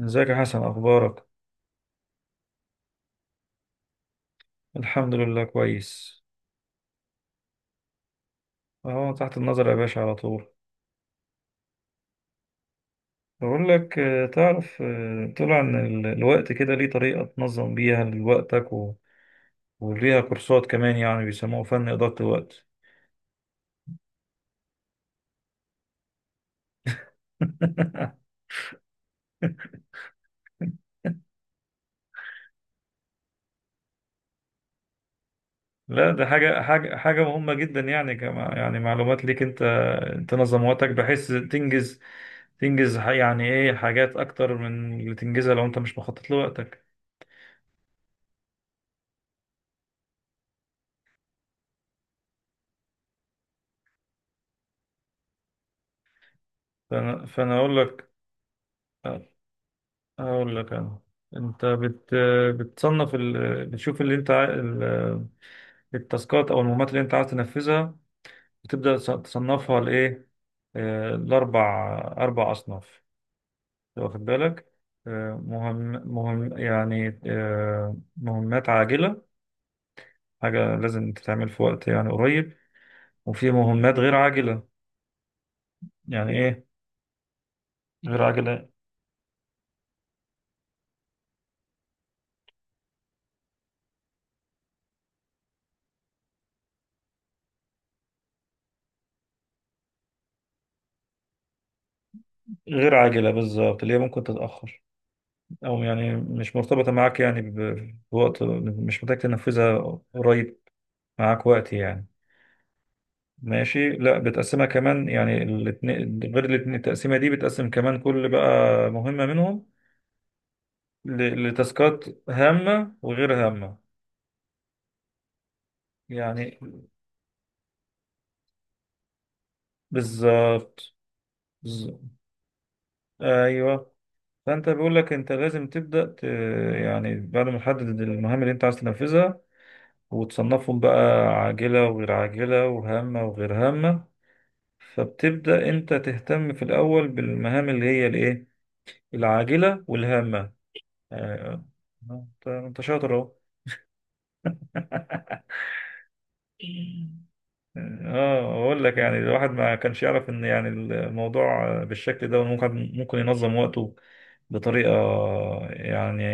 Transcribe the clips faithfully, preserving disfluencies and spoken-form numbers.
ازيك يا حسن، اخبارك؟ الحمد لله، كويس. اهو تحت النظر يا باشا على طول. بقول لك، آه، تعرف، آه، طلع ان ال- الوقت كده ليه طريقة تنظم بيها لوقتك، و... وليها كورسات كمان، يعني بيسموه فن إدارة الوقت. لا، ده حاجة حاجة حاجة مهمة جدا، يعني كما يعني معلومات ليك انت. تنظم وقتك بحيث تنجز. تنجز ح- يعني ايه، حاجات اكتر من اللي تنجزها لو انت مش مخطط لوقتك. فانا فانا اقول لك. آه، أقول لك أنا. أنت بت... بتصنف ال... بتشوف اللي أنت عا- ال... التاسكات أو المهمات اللي أنت عايز تنفذها. بتبدأ تص- تصنفها لإيه؟ آه، لأربع، أربع أصناف. واخد بالك؟ آه، مهم مهم، يعني آه، مهمات عاجلة، حاجة لازم تتعمل في وقت يعني قريب. وفي مهمات غير عاجلة، يعني إيه؟ غير عاجلة. غير عاجلة بالظبط، اللي هي ممكن تتأخر، او يعني مش مرتبطة معاك، يعني ب- بوقت، مش محتاج تنفذها قريب، معاك وقت يعني. ماشي. لا، بتقسمها كمان يعني، الاتنين غير الاتنين، التقسيمة دي بتقسم كمان كل بقى مهمة منهم ل- لتاسكات هامة وغير هامة يعني. بالظبط. بالظبط. ايوه. فانت بيقول لك انت لازم تبدأ ت... يعني بعد ما تحدد المهام اللي انت عايز تنفذها، وتصنفهم بقى عاجلة وغير عاجلة وهامة وغير هامة، فبتبدأ انت تهتم في الاول بالمهام اللي هي الايه، العاجلة والهامة يعني. انت انت شاطر اهو. اه، اقول لك يعني، الواحد ما كانش يعرف ان يعني الموضوع بالشكل ده ممكن ممكن ينظم وقته بطريقة، يعني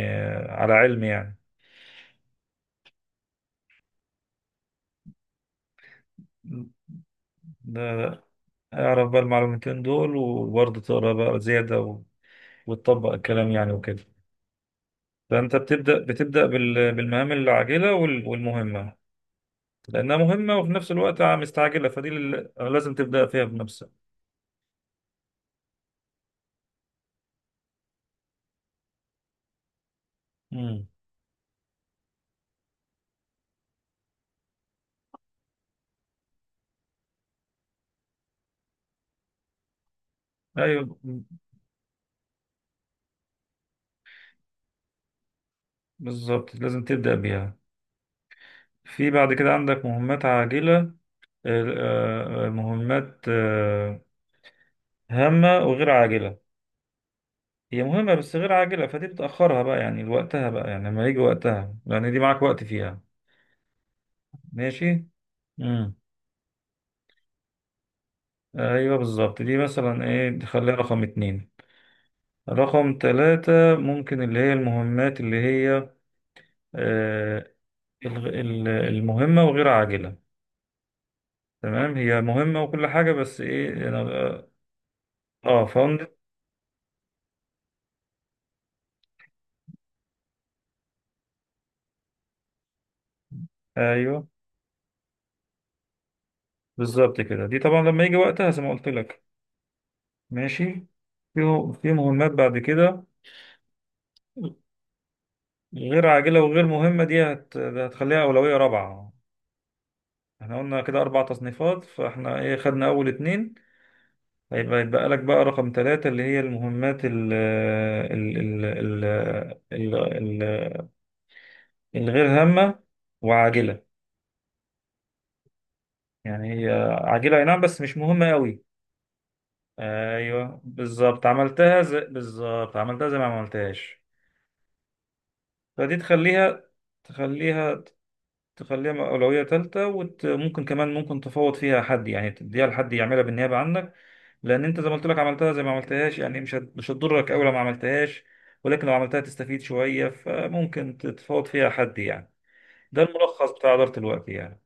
على علم يعني. ده اعرف بقى المعلومتين دول، وبرضه تقرا بقى زيادة و- وتطبق الكلام يعني وكده. فانت بتبدأ بتبدأ بال- بالمهام العاجلة وال- والمهمة، لأنها مهمة وفي نفس الوقت مستعجلة، فدي اللي لازم تبدأ فيها بنفسك. امم. أيوة بالظبط، لازم تبدأ بيها. في بعد كده عندك مهمات عاجلة، آه، آه، مهمات آه، هامة وغير عاجلة. هي مهمة بس غير عاجلة، فدي بتأخرها بقى يعني لوقتها بقى، يعني لما يجي وقتها، يعني دي معاك وقت فيها. ماشي. امم. ايوه بالظبط، دي مثلا ايه، دي خليها رقم اتنين. رقم تلاتة ممكن اللي هي المهمات اللي هي، آه، الغ- ال- المهمة وغير عاجلة. تمام، هي مهمة وكل حاجة، بس ايه أنا- اه فاند. ايوه بالظبط كده، دي طبعا لما يجي وقتها زي ما قلت لك. ماشي. في في مهمات بعد كده غير عاجلة وغير مهمة، دي هت... هتخليها أولوية رابعة. احنا قلنا كده أربع تصنيفات، فاحنا ايه خدنا أول اتنين. هيبقى يتبقى لك بقى رقم ثلاثة اللي هي المهمات ال ال ال ال ال- ال- الغير هامة وعاجلة، يعني هي عجينة أي نعم بس مش مهمة أوي. أيوه بالظبط، عملتها زي بالظبط، عملتها زي ما عملتهاش. فدي تخليها تخليها تخليها أولوية تالتة، وممكن كمان ممكن تفوض فيها حد، يعني تديها لحد يعملها بالنيابة عنك. لأن أنت زي ما قلت لك، عملتها زي ما عملتهاش، يعني مش هت- مش هتضرك أوي لو ما عملتهاش. ولكن لو عملتها تستفيد شوية، فممكن تتفاوض فيها حد يعني. ده الملخص بتاع إدارة الوقت يعني.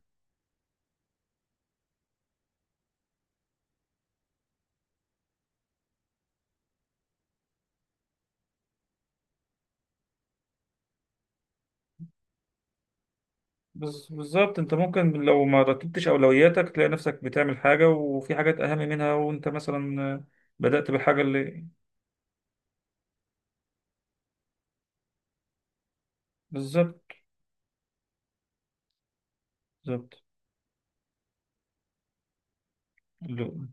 بز- بالظبط، انت ممكن لو ما رتبتش اولوياتك تلاقي نفسك بتعمل حاجه، وفي حاجات اهم منها، وانت مثلا بدأت بالحاجه اللي. بالظبط. بالظبط. اللي-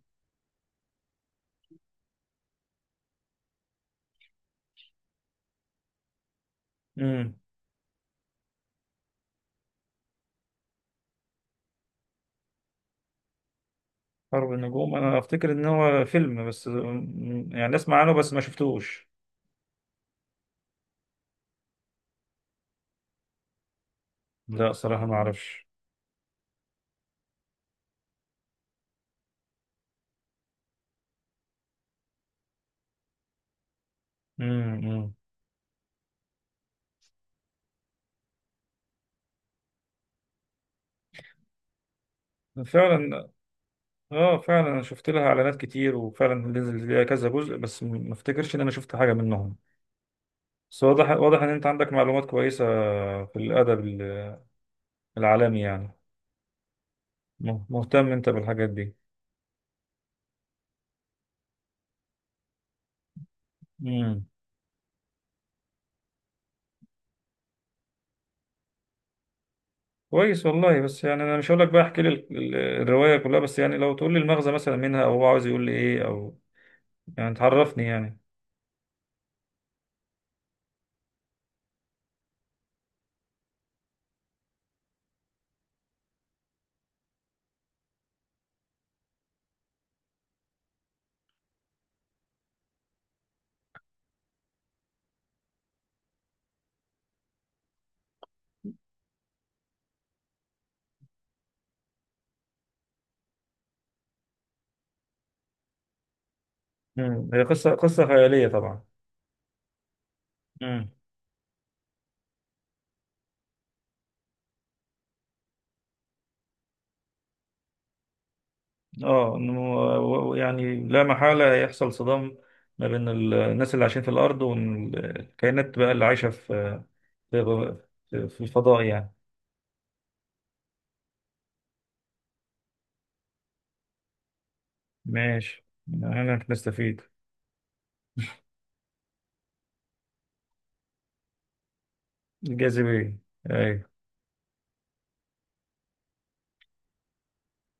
امم. حرب النجوم، انا افتكر ان هو فيلم بس، أمم، يعني اسمع عنه بس ما شفتوش. لا، صراحه ما اعرفش. امم. أمم. فعلا. اه فعلا، انا شفت لها اعلانات كتير، وفعلا نزل ليها كذا جزء، بس م- ما افتكرش ان انا شفت حاجه منهم. بس واضح، واضح ان انت عندك معلومات كويسه في الادب ال- العالمي يعني. مه- مهتم انت بالحاجات دي. امم. كويس والله، بس يعني انا مش هقول لك بقى احكي لي ال- ال- الروايه كلها، بس يعني لو تقول لي المغزى مثلا منها، او هو عاوز يقول لي ايه، او يعني تعرفني يعني. امم. هي قصه، قصه خياليه طبعا. امم. اه، انه و- و- يعني لا محاله يحصل صدام ما بين ال- الناس اللي عايشين في الارض، والكائنات بقى اللي عايشه في في في في الفضاء يعني. ماشي، انا نستفيد. الجاذبيه. ايوه.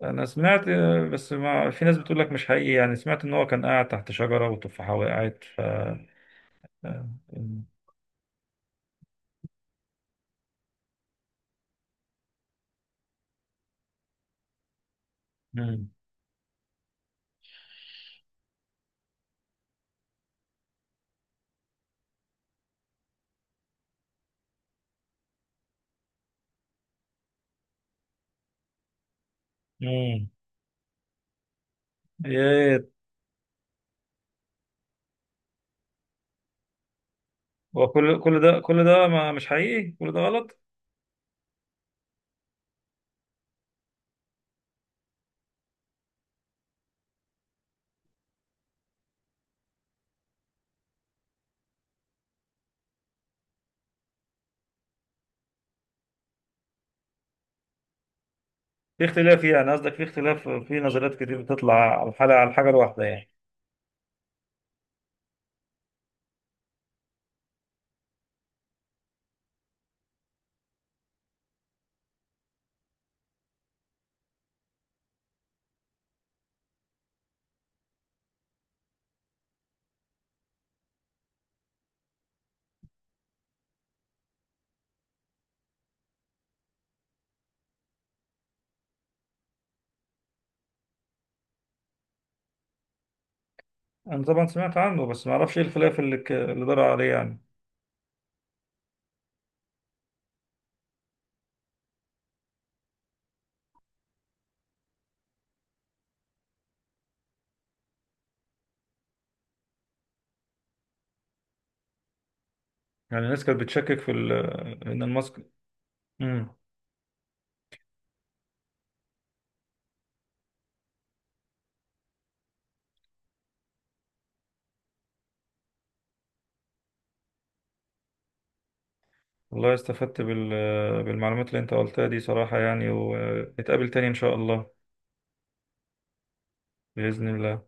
انا سمعت، آه، بس ما في ناس بتقول لك مش حقيقي، يعني سمعت ان هو كان قاعد تحت شجرة والتفاحة وقعت ف آه، مم. مم. ايه. وكل كل ده كل ده ما مش حقيقي، كل ده غلط. في اختلاف، يعني قصدك في اختلاف في نظريات كتير بتطلع على الحاجة، على الحاجة الواحدة يعني. انا طبعا سمعت عنه، بس ما اعرفش ايه الخلاف اللي ك... اللي دار عليه يعني. يعني الناس كانت بتشكك في ال... ان الماسك. مم. والله استفدت بال... بالمعلومات اللي انت قلتها دي صراحة يعني، ونتقابل تاني ان شاء الله. بإذن الله.